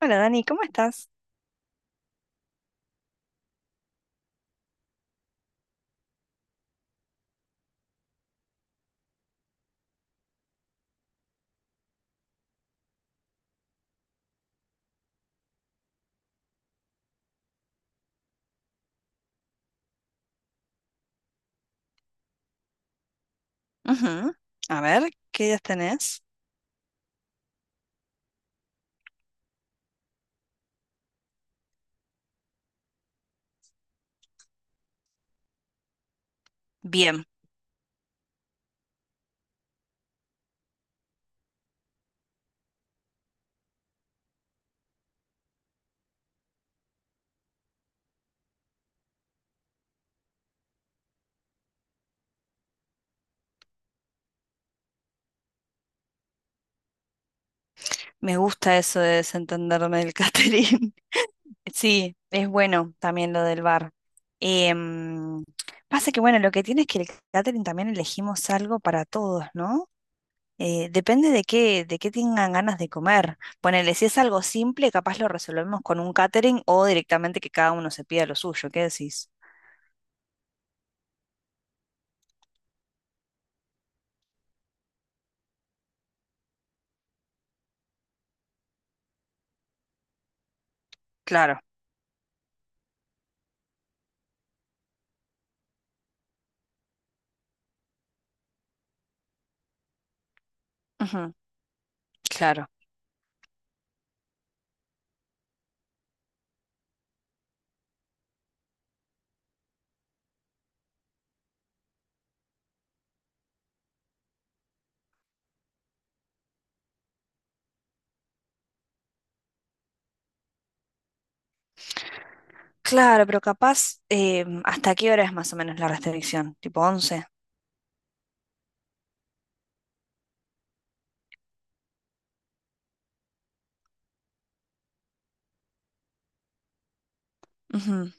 Hola Dani, ¿cómo estás? Ujú. A ver, ¿qué ideas tenés? Bien, me gusta eso de desentenderme del catering. Sí, es bueno también lo del bar. Em, Pasa que bueno, lo que tiene es que el catering también elegimos algo para todos, ¿no? Depende de qué tengan ganas de comer. Ponele, si es algo simple, capaz lo resolvemos con un catering o directamente que cada uno se pida lo suyo. ¿Qué decís? Claro, ujú, claro. Claro, pero capaz, ¿hasta qué hora es más o menos la restricción? ¿Tipo once? Ujú,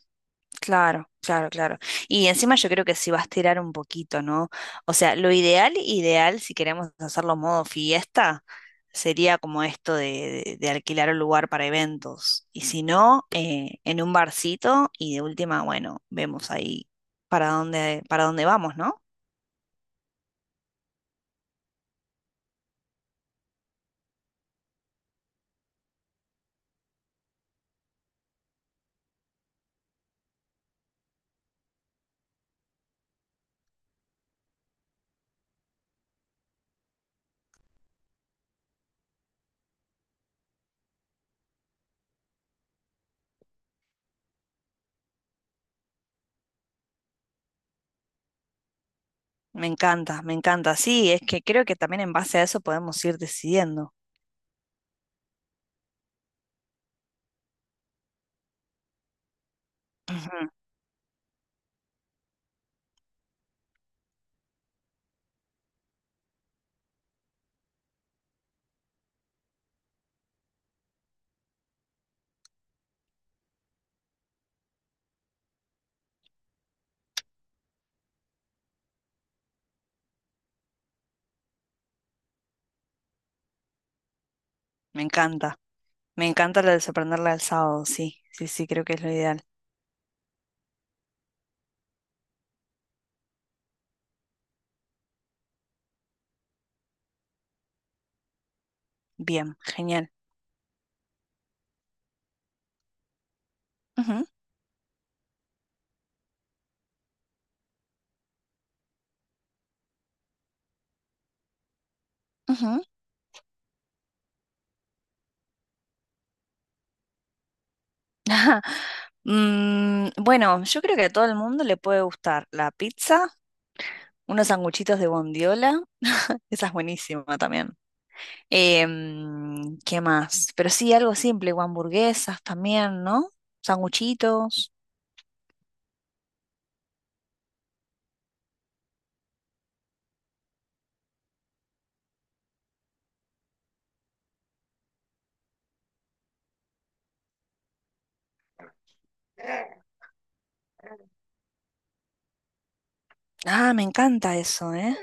claro, claro, claro. Y encima yo creo que si va a estirar un poquito, ¿no? O sea, lo ideal, ideal, si queremos hacerlo modo fiesta, sería como esto de, de alquilar un lugar para eventos. Y si no, en un barcito y de última, bueno, vemos ahí para dónde vamos, ¿no? Me encanta, me encanta. Sí, es que creo que también en base a eso podemos ir decidiendo. Ujú, me encanta. Me encanta la de sorprenderla el sábado, sí, sí, sí, creo que es lo ideal. Bien, genial. Ujú, ujú. Bueno, yo creo que a todo el mundo le puede gustar la pizza, unos sanguchitos de bondiola, esa es buenísima también. Em, ¿qué más? Pero sí, algo simple, o hamburguesas también, ¿no? Sanguchitos. Ah, me encanta eso, ¿eh?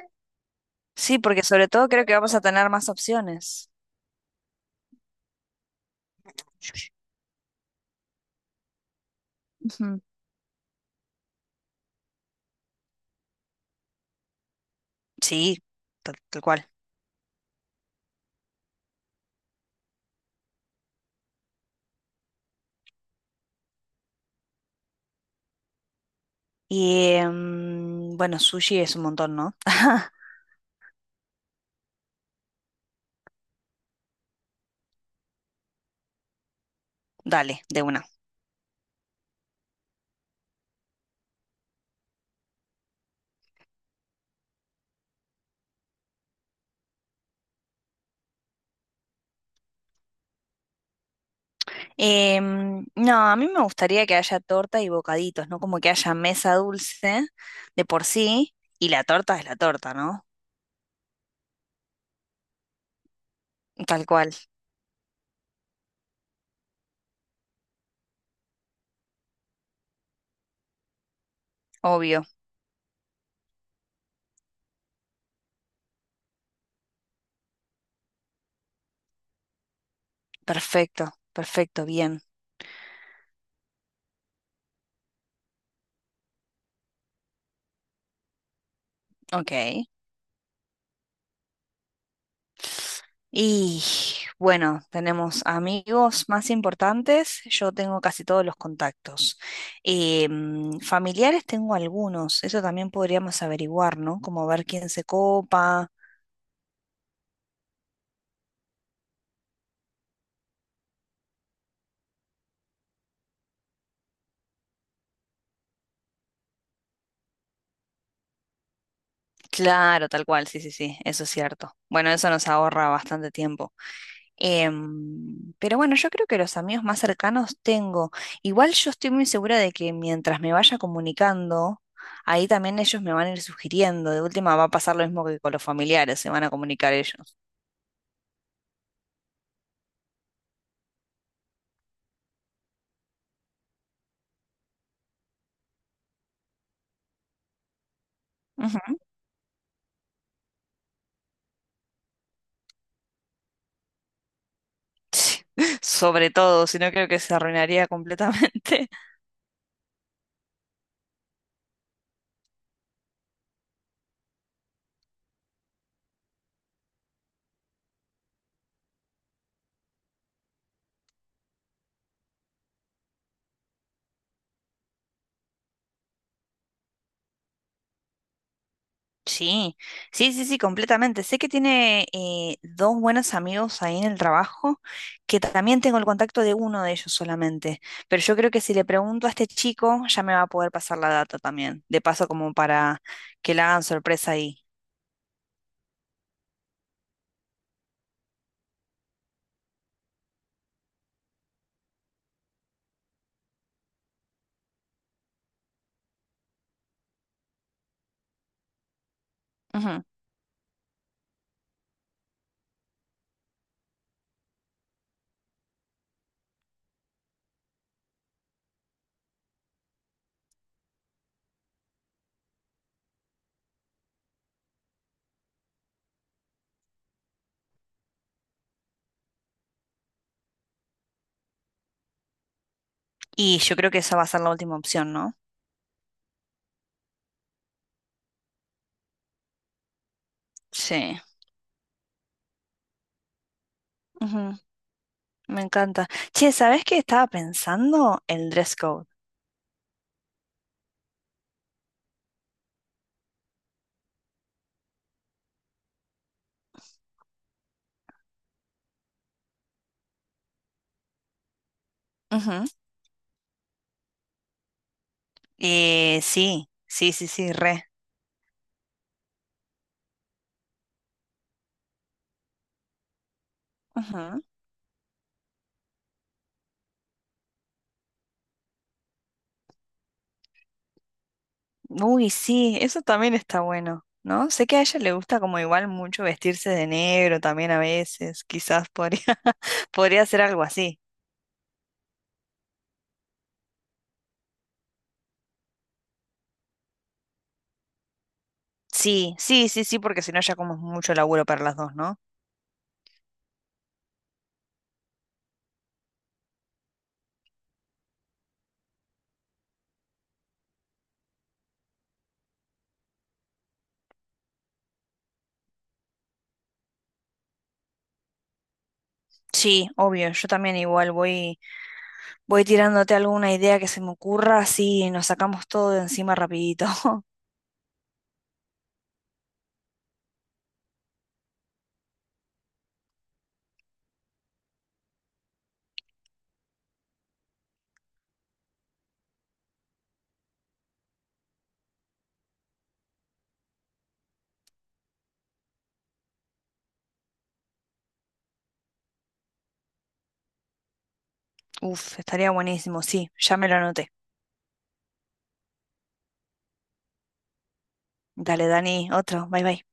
Sí, porque sobre todo creo que vamos a tener más opciones. Ujú. Sí, tal cual. Y bueno, sushi es un montón, ¿no? Dale, de una. No, a mí me gustaría que haya torta y bocaditos, ¿no? Como que haya mesa dulce de por sí y la torta es la torta, ¿no? Tal cual, obvio. Perfecto, perfecto, bien. Ok. Y bueno, tenemos amigos más importantes. Yo tengo casi todos los contactos. Em, familiares tengo algunos. Eso también podríamos averiguar, ¿no? Como ver quién se copa. Claro, tal cual, sí, sí, sí, eso es cierto. Bueno, eso nos ahorra bastante tiempo. Pero bueno, yo creo que los amigos más cercanos tengo. Igual yo estoy muy segura de que mientras me vaya comunicando, ahí también ellos me van a ir sugiriendo. De última va a pasar lo mismo que con los familiares, se van a comunicar ellos. Ujú. Sí, sobre todo, si no creo que se arruinaría completamente. Sí, sí, sí, sí, completamente. Sé que tiene dos buenos amigos ahí en el trabajo, que también tengo el contacto de uno de ellos solamente, pero yo creo que si le pregunto a este chico ya me va a poder pasar la data también, de paso como para que la hagan sorpresa ahí. Ujú. Y yo creo que esa va a ser la última opción, ¿no? Sí, ujú, me encanta. Che, ¿sabés qué estaba pensando? El dress code. Ujú. Sí, sí, sí, sí, re. Uy, sí, eso también está bueno, ¿no? Sé que a ella le gusta como igual mucho vestirse de negro también a veces, quizás podría, podría hacer algo así. Sí, sí, sí, sí, porque si no ya como es mucho laburo para las dos, ¿no? Sí, obvio, yo también igual voy, voy tirándote alguna idea que se me ocurra, así nos sacamos todo de encima rapidito. Uf, estaría buenísimo, sí, ya me lo anoté. Dale, Dani, otro, bye bye.